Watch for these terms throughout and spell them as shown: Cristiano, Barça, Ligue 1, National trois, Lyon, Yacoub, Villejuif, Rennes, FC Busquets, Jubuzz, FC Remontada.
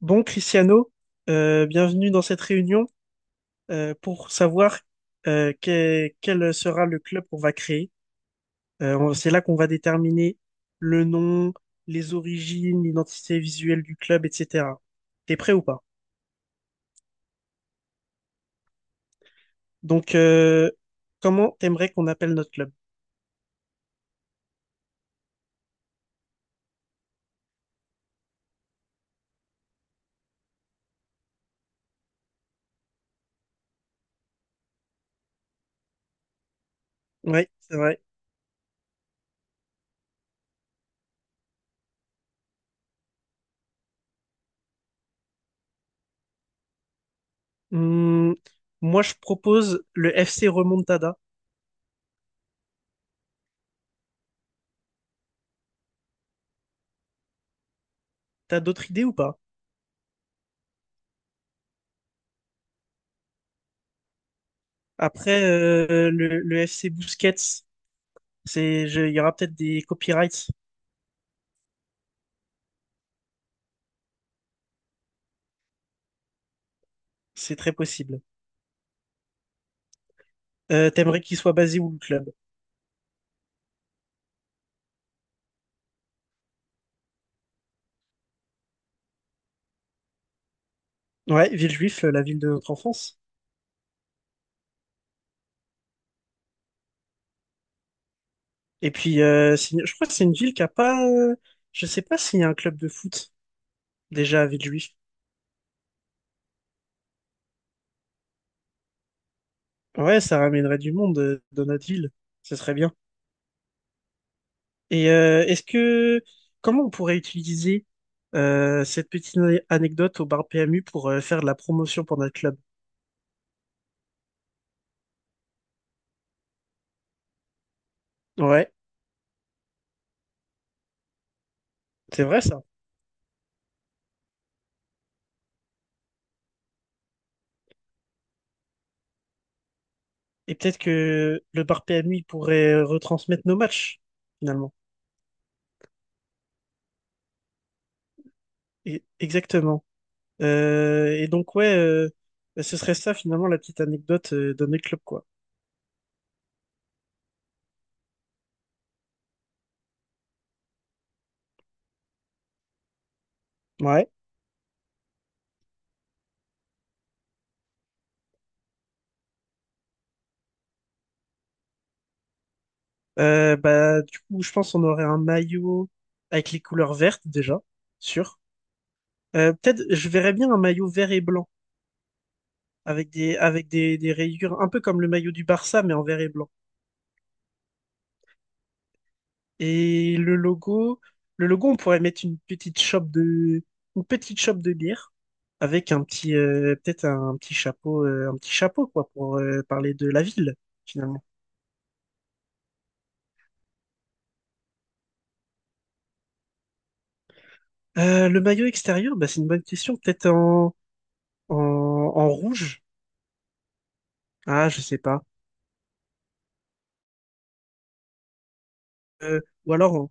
Bon, Cristiano, bienvenue dans cette réunion pour savoir quel sera le club qu'on va créer. C'est là qu'on va déterminer le nom, les origines, l'identité visuelle du club, etc. T'es prêt ou pas? Donc, comment t'aimerais qu'on appelle notre club? Oui, c'est vrai. Hum, Moi, je propose le FC Remontada. T'as d'autres idées ou pas? Après, le FC Busquets, il y aura peut-être des copyrights. C'est très possible. T'aimerais qu'il soit basé où le club? Ouais, Villejuif, la ville de notre enfance. Et puis, je crois que c'est une ville qui a pas. Je sais pas s'il y a un club de foot déjà à Villejuif. Ouais, ça ramènerait du monde dans notre ville. Ce serait bien. Et est-ce que comment on pourrait utiliser cette petite anecdote au bar PMU pour faire de la promotion pour notre club? Ouais, c'est vrai ça. Et peut-être que le bar PMU il pourrait retransmettre nos matchs finalement. Exactement. Et donc, ouais, bah, ce serait ça finalement la petite anecdote de mes clubs, quoi. Ouais. Bah, du coup, je pense qu'on aurait un maillot avec les couleurs vertes déjà, sûr. Peut-être, je verrais bien un maillot vert et blanc avec des rayures, un peu comme le maillot du Barça, mais en vert et blanc. Et le logo, on pourrait mettre une petite chope de bière avec un petit peut-être un petit chapeau quoi pour parler de la ville finalement. Le maillot extérieur, bah, c'est une bonne question. Peut-être en rouge. Ah, je sais pas. Euh, ou alors,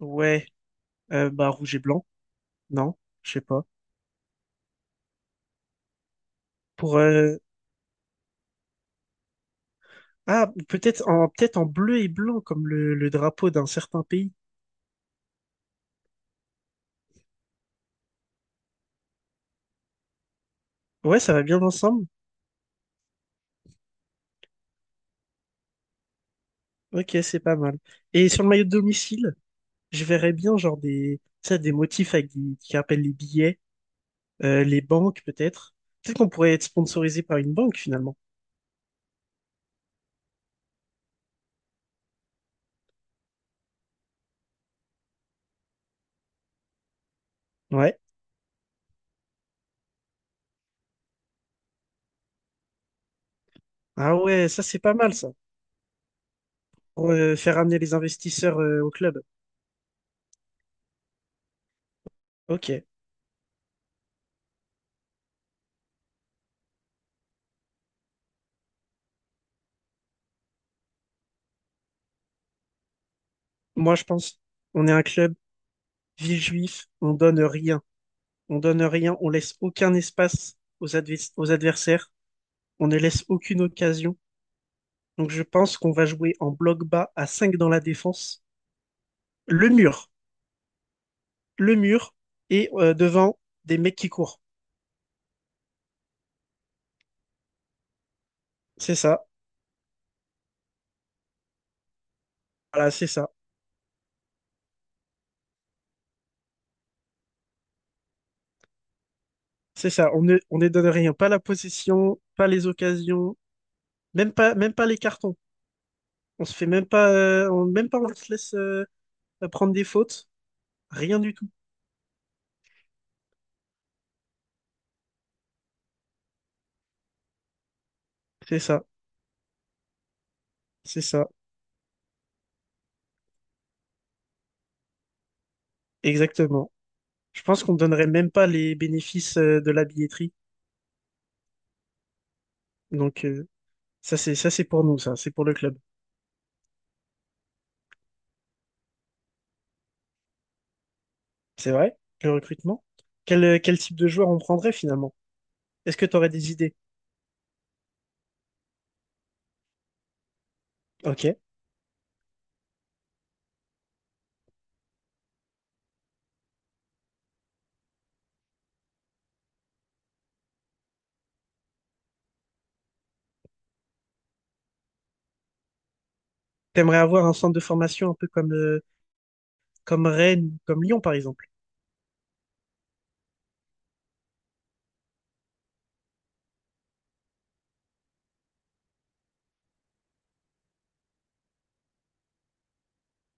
ouais, bah, rouge et blanc. Non, je sais pas. Pour, ah, peut-être en, peut-être en bleu et blanc, comme le drapeau d'un certain pays. Ouais, ça va bien ensemble. Ok, c'est pas mal. Et sur le maillot de domicile, je verrais bien, genre, tu sais, des motifs avec qui rappellent les billets, les banques, peut-être. Peut-être qu'on pourrait être sponsorisé par une banque, finalement. Ouais. Ah ouais, ça, c'est pas mal, ça. Pour faire amener les investisseurs au club. Ok. Moi, je pense, on est un club ville juif, on donne rien. On donne rien, on laisse aucun espace aux adversaires, on ne laisse aucune occasion. Donc, je pense qu'on va jouer en bloc bas à 5 dans la défense. Le mur, le mur, et devant des mecs qui courent. C'est ça. Voilà, c'est ça. C'est ça. On ne donne rien. Pas la possession, pas les occasions, même pas les cartons. On se fait même pas, on se laisse à prendre des fautes, rien du tout. C'est ça, c'est ça, exactement. Je pense qu'on ne donnerait même pas les bénéfices de la billetterie. Donc, ça c'est pour nous, ça, c'est pour le club. C'est vrai, le recrutement. Quel type de joueur on prendrait finalement? Est-ce que tu aurais des idées? Ok. T'aimerais avoir un centre de formation un peu comme Rennes, ou comme Lyon par exemple.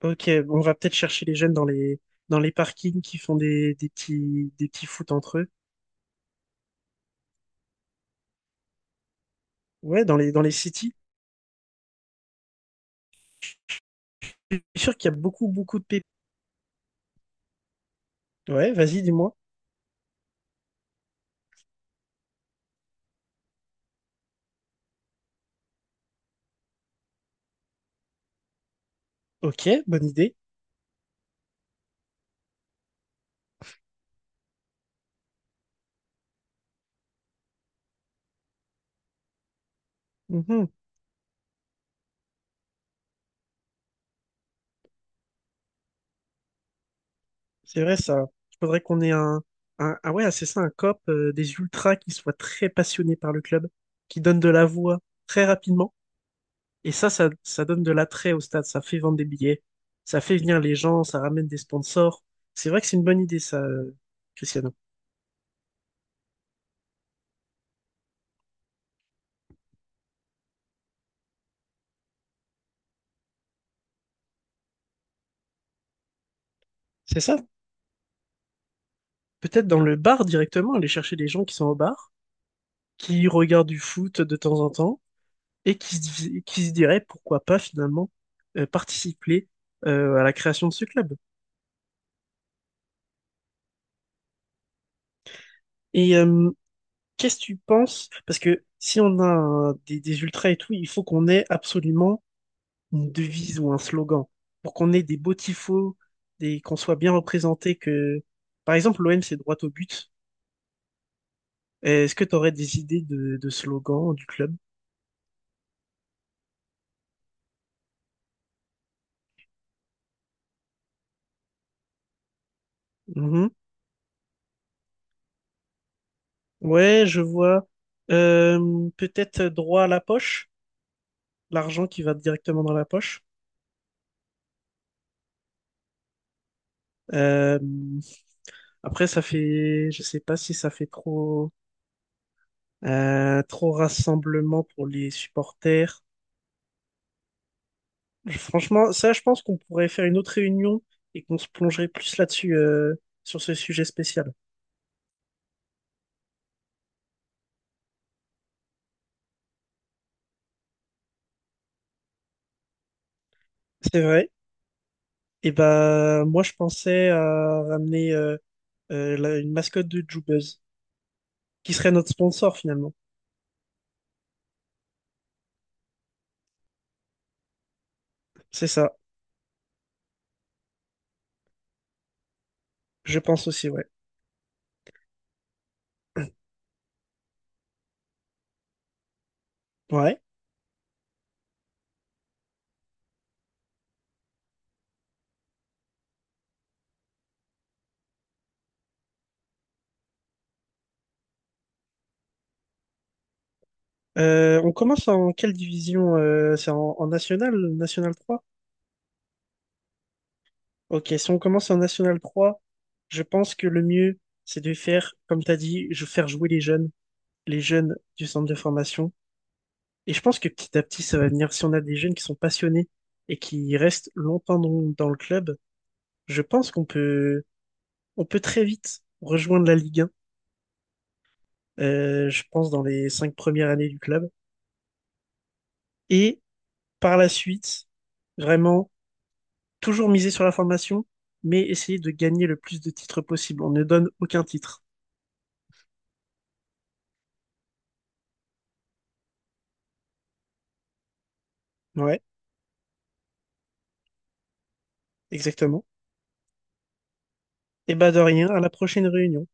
Ok, on va peut-être chercher les jeunes dans les parkings qui font des petits foot entre eux. Ouais, dans les cities. Je suis sûr qu'il y a beaucoup beaucoup de pépites. Ouais, vas-y, dis-moi. Ok, bonne idée. Mhm. C'est vrai ça. Il faudrait qu'on ait Ah ouais, c'est ça, des ultras qui soient très passionnés par le club, qui donnent de la voix très rapidement. Et ça donne de l'attrait au stade, ça fait vendre des billets, ça fait venir les gens, ça ramène des sponsors. C'est vrai que c'est une bonne idée ça, Cristiano. C'est ça. Peut-être dans le bar directement, aller chercher des gens qui sont au bar, qui regardent du foot de temps en temps, et qui se dirait pourquoi pas finalement participer à la création de ce club. Et qu'est-ce que tu penses? Parce que si on a des ultras et tout, il faut qu'on ait absolument une devise ou un slogan pour qu'on ait des beaux tifos, qu'on soit bien représenté, que par exemple l'OM c'est droit au but. Est-ce que tu aurais des idées de slogans du club? Mhm. Ouais, je vois. Euh, peut-être droit à la poche, l'argent qui va directement dans la poche. Euh, après, ça fait, je sais pas si ça fait trop, trop rassemblement pour les supporters. Franchement, ça, je pense qu'on pourrait faire une autre réunion et qu'on se plongerait plus là-dessus, sur ce sujet spécial. C'est vrai. Et ben, moi, je pensais à ramener une mascotte de Jubuzz, qui serait notre sponsor finalement. C'est ça. Je pense aussi, ouais. Ouais. On commence en quelle division? C'est en national trois. Ok, si on commence en National 3, je pense que le mieux, c'est de faire, comme tu as dit, je faire jouer les jeunes du centre de formation. Et je pense que petit à petit, ça va venir. Si on a des jeunes qui sont passionnés et qui restent longtemps dans le club, je pense qu'on peut très vite rejoindre la Ligue 1, je pense dans les 5 premières années du club. Et par la suite, vraiment, toujours miser sur la formation, mais essayer de gagner le plus de titres possible. On ne donne aucun titre. Ouais, exactement. Et bah de rien, à la prochaine réunion.